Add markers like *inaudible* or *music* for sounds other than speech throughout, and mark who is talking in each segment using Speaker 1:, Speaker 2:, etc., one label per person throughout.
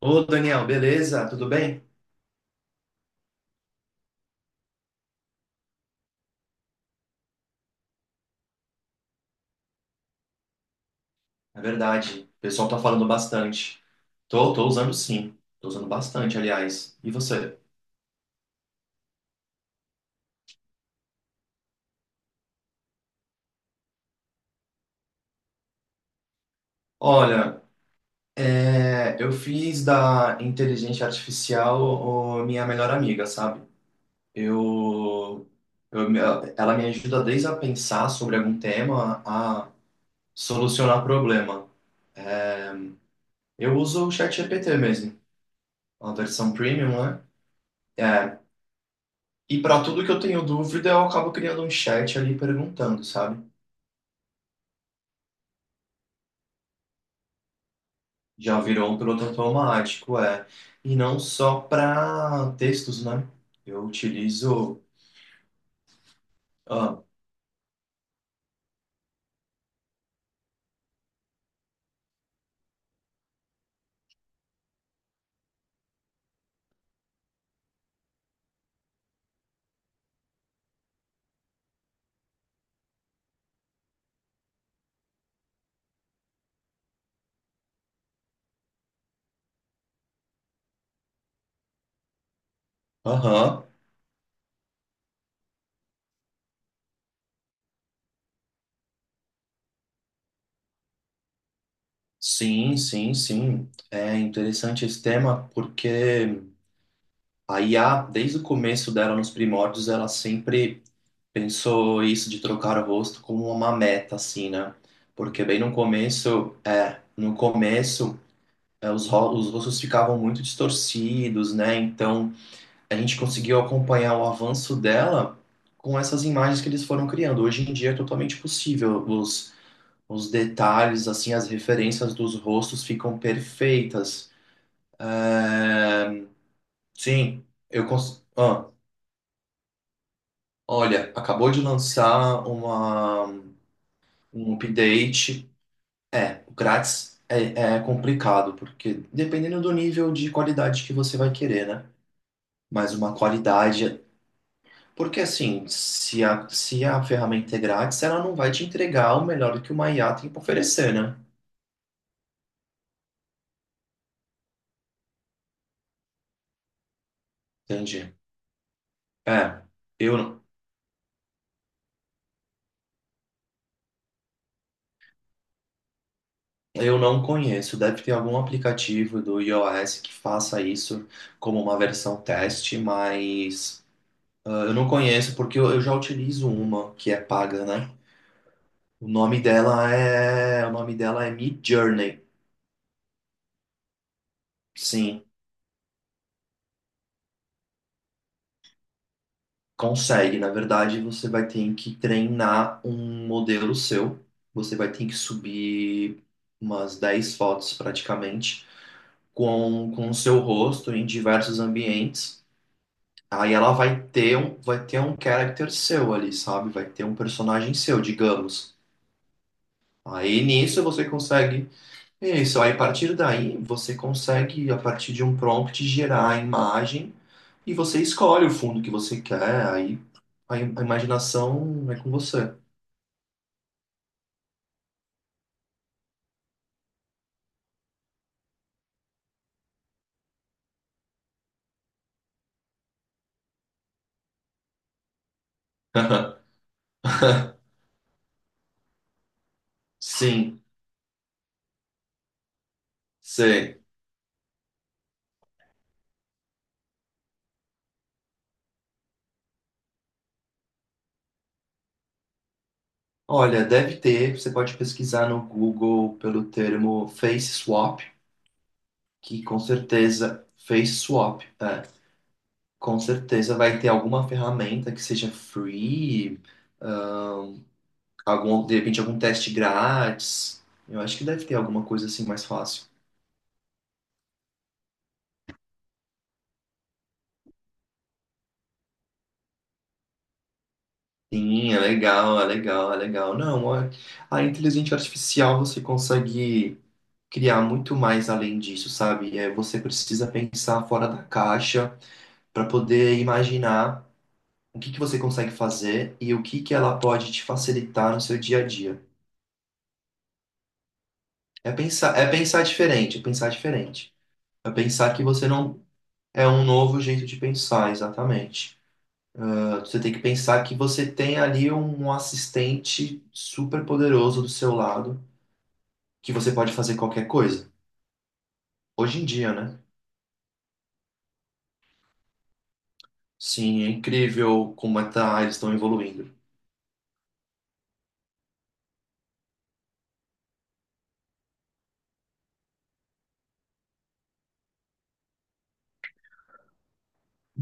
Speaker 1: Ô, Daniel, beleza? Tudo bem? É verdade. O pessoal tá falando bastante. Tô usando sim. Tô usando bastante, aliás. E você? Olha, eu fiz da inteligência artificial minha melhor amiga, sabe? Eu, eu, me- Ela me ajuda desde a pensar sobre algum tema a solucionar problema. Eu uso o ChatGPT mesmo, a versão premium, né? É, e para tudo que eu tenho dúvida, eu acabo criando um chat ali perguntando, sabe? Já virou um piloto automático, é. E não só para textos, né? Eu utilizo. Ah, aham. Sim, sim, sim. É interessante esse tema porque a IA, desde o começo dela, nos primórdios, ela sempre pensou isso de trocar o rosto como uma meta, assim, né? Porque bem no começo, no começo, os rostos ficavam muito distorcidos, né? Então, a gente conseguiu acompanhar o avanço dela com essas imagens que eles foram criando. Hoje em dia é totalmente possível. Os detalhes, assim, as referências dos rostos ficam perfeitas. É, sim, eu cons... ah, olha, acabou de lançar um update. É, o grátis é, é complicado, porque dependendo do nível de qualidade que você vai querer, né? Mas uma qualidade. Porque assim, se a ferramenta é grátis, ela não vai te entregar o melhor que uma IA tem para oferecer, né? Entendi. É, eu, eu não conheço. Deve ter algum aplicativo do iOS que faça isso como uma versão teste, mas ah, eu não conheço porque eu já utilizo uma que é paga, né? O nome dela é Midjourney. Sim. Consegue, na verdade, você vai ter que treinar um modelo seu. Você vai ter que subir umas 10 fotos praticamente com o seu rosto em diversos ambientes. Aí ela vai ter vai ter um character seu ali, sabe? Vai ter um personagem seu, digamos. Aí nisso você consegue é isso, aí a partir daí você consegue, a partir de um prompt, gerar a imagem e você escolhe o fundo que você quer, aí a imaginação é com você. *laughs* Sim, sei. Olha, deve ter, você pode pesquisar no Google pelo termo face swap, que com certeza, face swap, é, com certeza vai ter alguma ferramenta que seja free, ah, algum, de repente algum teste grátis. Eu acho que deve ter alguma coisa assim mais fácil. Sim, é legal, é legal, é legal. Não, a inteligência artificial você consegue criar muito mais além disso, sabe? É, você precisa pensar fora da caixa para poder imaginar o que que você consegue fazer e o que que ela pode te facilitar no seu dia a dia. É pensar diferente, é pensar diferente. É pensar que você não. É um novo jeito de pensar, exatamente. Ah, você tem que pensar que você tem ali um assistente super poderoso do seu lado que você pode fazer qualquer coisa. Hoje em dia, né? Sim, é incrível como é tá, eles estão evoluindo.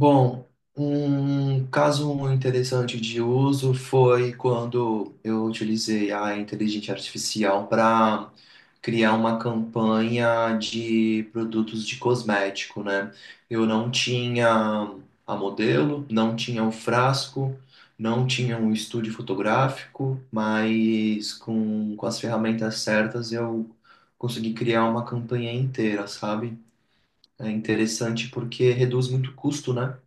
Speaker 1: Bom, um caso interessante de uso foi quando eu utilizei a inteligência artificial para criar uma campanha de produtos de cosmético, né? Eu não tinha a modelo, não tinha o frasco, não tinha um estúdio fotográfico, mas com as ferramentas certas eu consegui criar uma campanha inteira, sabe? É interessante porque reduz muito o custo, né?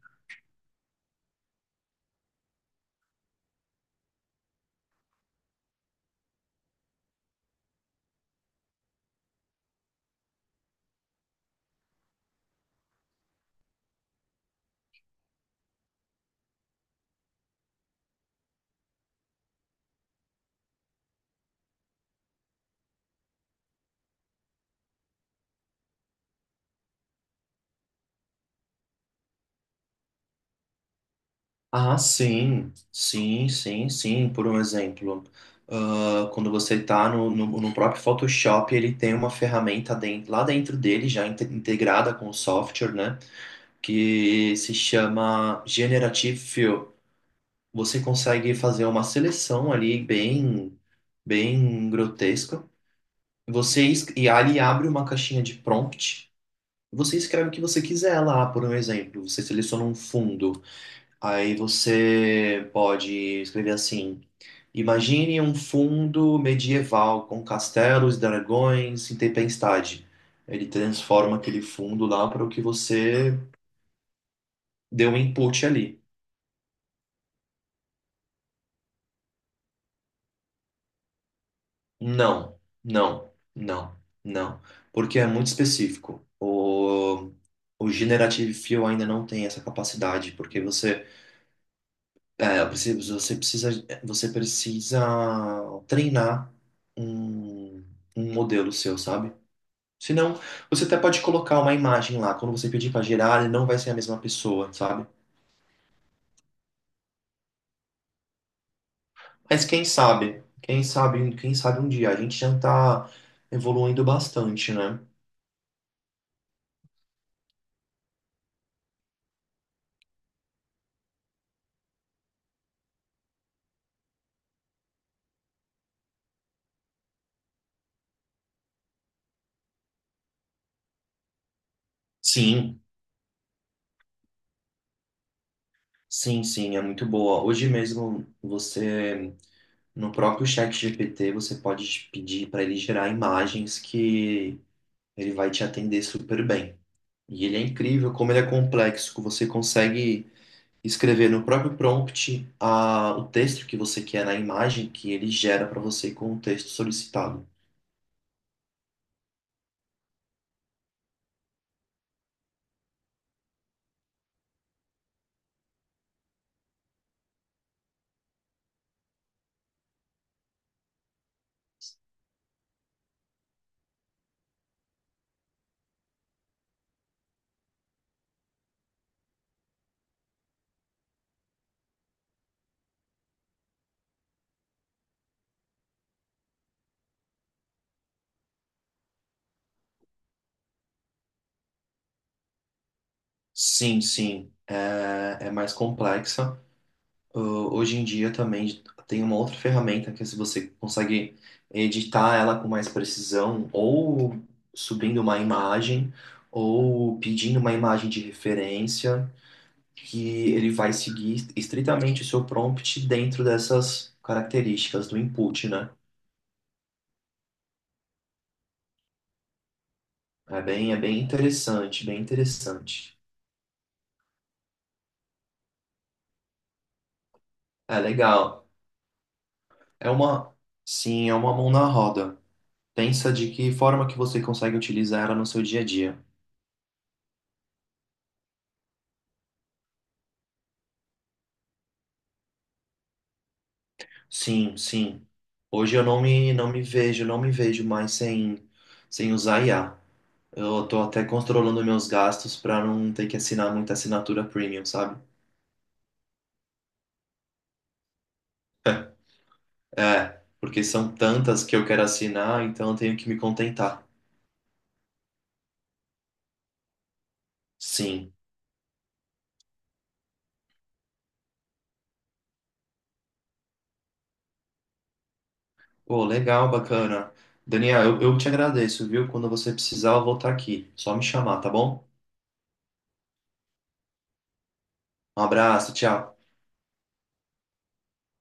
Speaker 1: Ah, sim, sim, sim, sim. Por um exemplo, ah, quando você está no próprio Photoshop, ele tem uma ferramenta dentro, lá dentro dele, já integrada com o software, né? Que se chama Generative Fill. Você consegue fazer uma seleção ali bem, bem grotesca. Você, e ali abre uma caixinha de prompt. Você escreve o que você quiser lá, por um exemplo. Você seleciona um fundo. Aí você pode escrever assim: imagine um fundo medieval com castelos, dragões e tempestade. Ele transforma aquele fundo lá para o que você deu um input ali. Não, não, não, não. Porque é muito específico. O Generative Fill ainda não tem essa capacidade, porque você, é, você precisa, você precisa treinar um, um modelo seu, sabe? Senão, você até pode colocar uma imagem lá. Quando você pedir para gerar, ele não vai ser a mesma pessoa, sabe? Mas quem sabe? Quem sabe, quem sabe um dia. A gente já tá evoluindo bastante, né? Sim, sim, sim, é muito boa. Hoje mesmo, você, no próprio chat GPT, você pode pedir para ele gerar imagens que ele vai te atender super bem. E ele é incrível como ele é complexo, que você consegue escrever no próprio prompt a, o texto que você quer na imagem que ele gera para você com o texto solicitado. Sim, sim, é, é mais complexa. Hoje em dia também tem uma outra ferramenta que é se você consegue editar ela com mais precisão, ou subindo uma imagem, ou pedindo uma imagem de referência, que ele vai seguir estritamente o seu prompt dentro dessas características do input, né? É bem interessante, bem interessante. É legal. É uma, sim, é uma mão na roda. Pensa de que forma que você consegue utilizar ela no seu dia a dia. Sim, sim. Hoje eu não me, não me vejo, não me vejo mais sem, sem usar IA. Eu tô até controlando meus gastos para não ter que assinar muita assinatura premium, sabe? *laughs* É, porque são tantas que eu quero assinar, então eu tenho que me contentar. Sim. Pô, legal, bacana. Daniel, eu te agradeço, viu? Quando você precisar, eu vou estar aqui. Só me chamar, tá bom? Um abraço, tchau.